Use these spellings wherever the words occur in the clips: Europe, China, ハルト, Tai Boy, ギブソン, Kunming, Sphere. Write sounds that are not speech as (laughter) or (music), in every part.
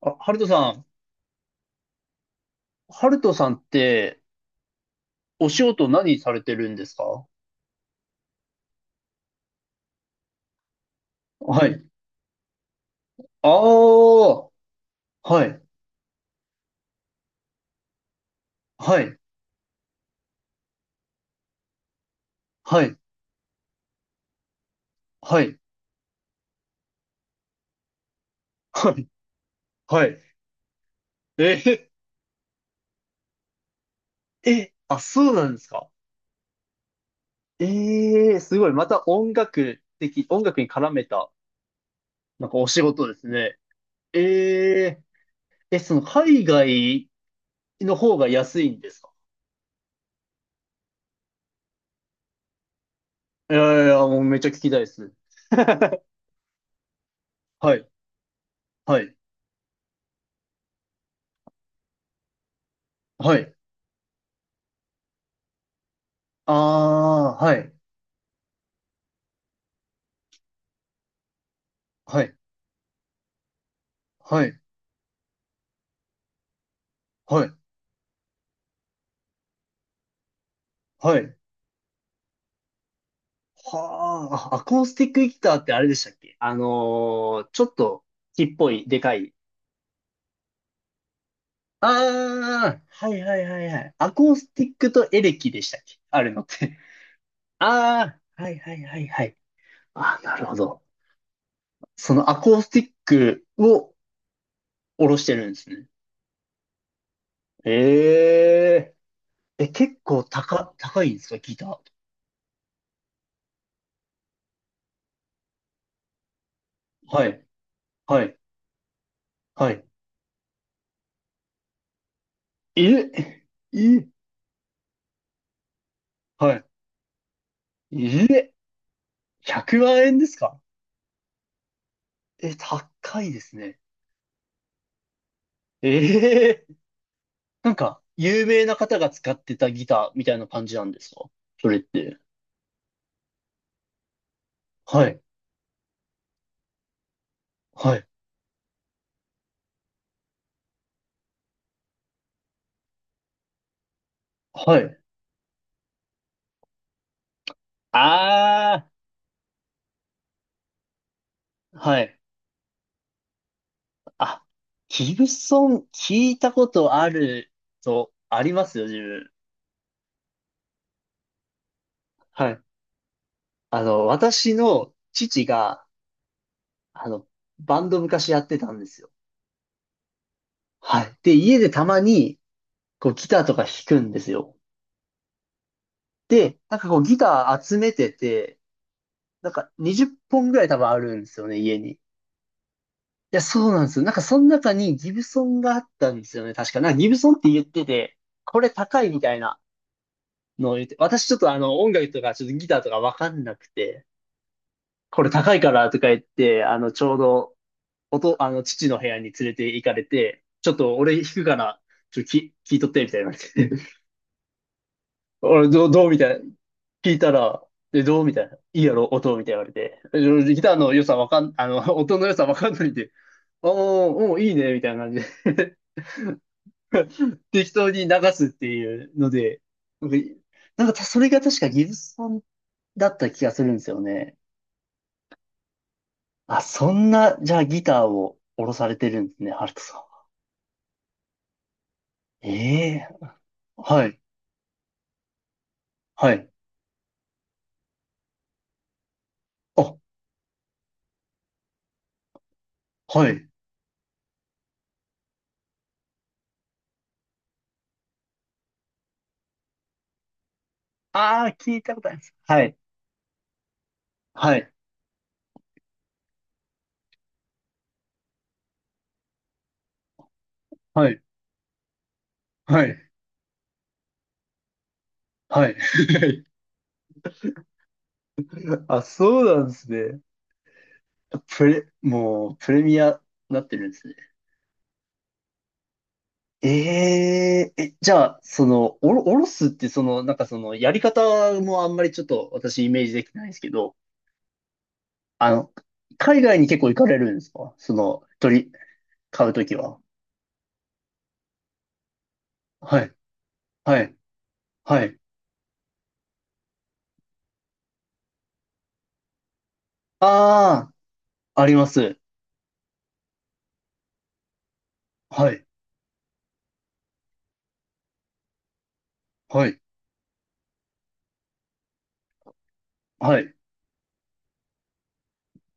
あ、ハルトさん、ハルトさんって、お仕事何されてるんですか？はい。ああ、はい、はい、はい、はい、はい、はい。えー、え、あ、そうなんですか？ええー、すごい。また音楽的、音楽に絡めた、なんかお仕事ですね。ええー、え、その海外の方が安いんですか？いやいや、もうめっちゃ聞きたいです。はい、はい、はい。ああ、はい、はい、はい、はい、はい。はあ、アコースティックギターってあれでしたっけちょっと木っぽい、でかい。ああ、はいはいはいはい。アコースティックとエレキでしたっけあるのって。(laughs) ああ、はいはいはいはい。ああ、なるほど。そのアコースティックを下ろしてるんですね。えええ、結構高、高いんですかギター。はい、はい、はい。え、え、はい。え、100万円ですか？え、高いですね。ええ、なんか、有名な方が使ってたギターみたいな感じなんですか、それって。はい。はい。はい。ああ、はい。あ、ギブソン聞いたことあると、ありますよ、自分。はい。あの、私の父が、あの、バンド昔やってたんですよ。はい。で、家でたまに、こう、ギターとか弾くんですよ。で、なんかこう、ギター集めてて、なんか20本ぐらい多分あるんですよね、家に。いや、そうなんですよ。なんかその中にギブソンがあったんですよね。確か。なんかギブソンって言ってて、これ高いみたいなのを言って、私ちょっとあの音楽とかちょっとギターとかわかんなくて、これ高いからとか言って、あのちょうどおと、あの父の部屋に連れて行かれて、ちょっと俺弾くから、ちょっとき聞いとってみたいな言われて、(laughs) 俺どう、どうみたいな。聞いたら、え、どうみたいな。いいやろ、音みたいな言われて。え俺ギターの良さわかん、あの、音の良さわかんないんで、ああ、もういいね、みたいな感じで (laughs) (laughs) 適当に流すっていうので、なんか、なんかたそれが確かギブソンだった気がするんですよね。あ、そんな、じゃあギターを下ろされてるんですね、ハルトさんは。ええ、はい、はい。あ、はい。ああ、聞いたことあります。はい、はい、はい、はい、はい。(laughs) あ、そうなんですね。プレ、もう、プレミアになってるんですね。ええ、え、じゃあ、その、おろ、おろすって、その、なんかその、やり方もあんまりちょっと私イメージできないんですけど、あの、海外に結構行かれるんですか、その、鳥、買うときは。はい、はい、はい。ああ、あります。はい、はい、はい、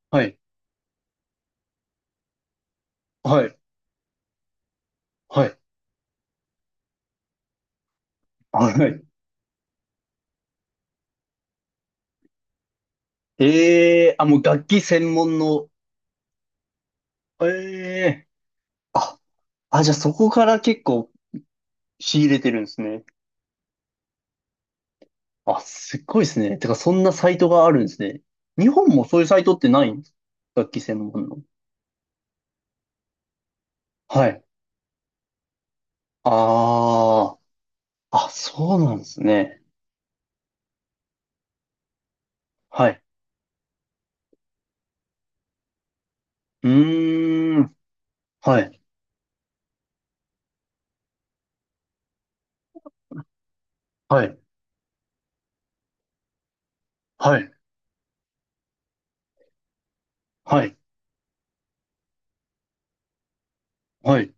はい、はい、はい、はい。ええ、あ、もう楽器専門の、ええ、あ、あ、じゃあそこから結構仕入れてるんですね。あ、すっごいですね。てか、そんなサイトがあるんですね。日本もそういうサイトってないんですか、楽器専門の。はい。ああ、あ、そうなんですね。はい。うーん。はい。はい。はい。はい。はい。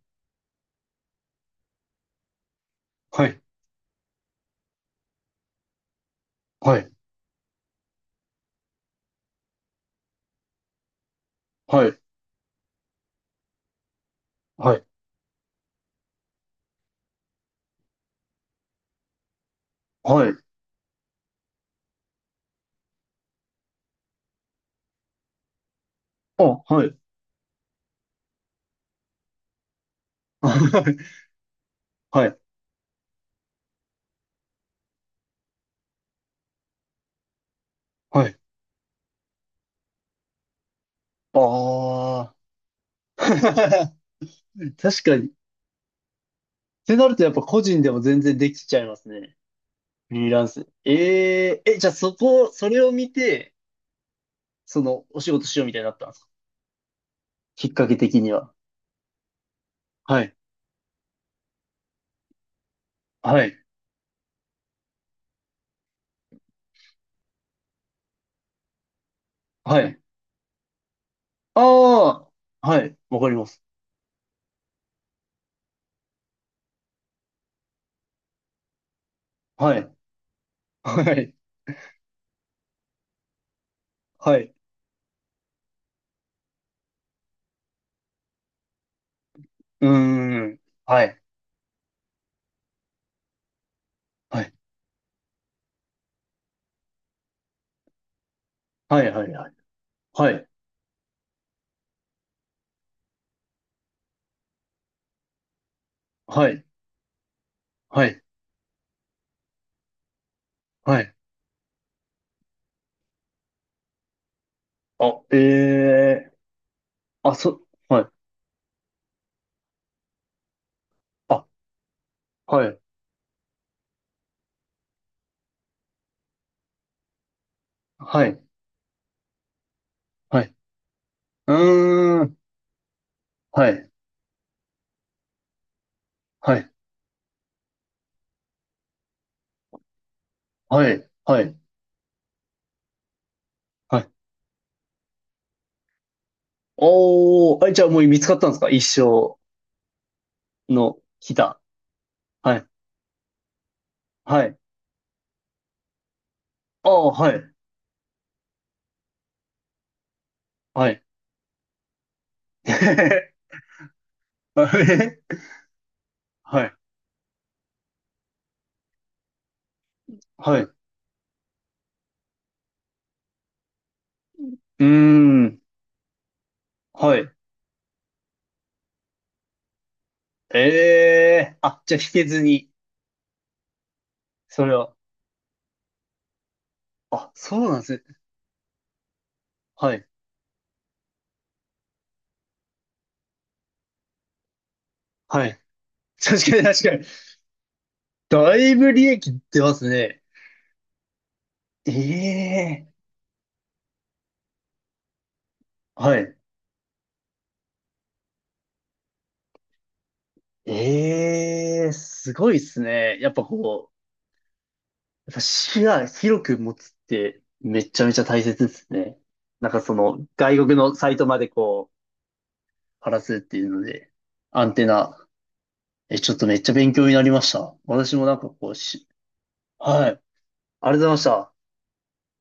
はい。はい。はい。はい。はい。あ、はい。(laughs) はい。はい。ああ。(laughs) 確かに。ってなるとやっぱ個人でも全然できちゃいますね。フリーランス。えええ、じゃあそこ、それを見て、その、お仕事しようみたいになったんですか、きっかけ的には。はい。はい。はい。ああ、はい。わかります。はい。はい。はい。うーん。はい。はい。はい。はい。はい。はい。はい。はい。はい。あ、ええー、あ、そ、はい。あ、はい。はい。はい。うーん。はい。はい。はい。はい。はい。おー。あ、じゃあもう見つかったんですか、一生のギター。はい。はい。ああ、はい。はい。(laughs) (laughs) あえ、はい、はい。うーん、はい。ええ、あ、じゃあ引けずに、それは。あ、そうなんですね。はい、はい。確かに確かに。だいぶ利益出ますね。ええ、はい。ええ、すごいですね。やっぱこう、やっぱ視野広く持つってめちゃめちゃ大切ですね。なんかその外国のサイトまでこう、晴らすっていうので、アンテナえ、ちょっとめっちゃ勉強になりました。私もなんかこうし、はい。ありがとうございました。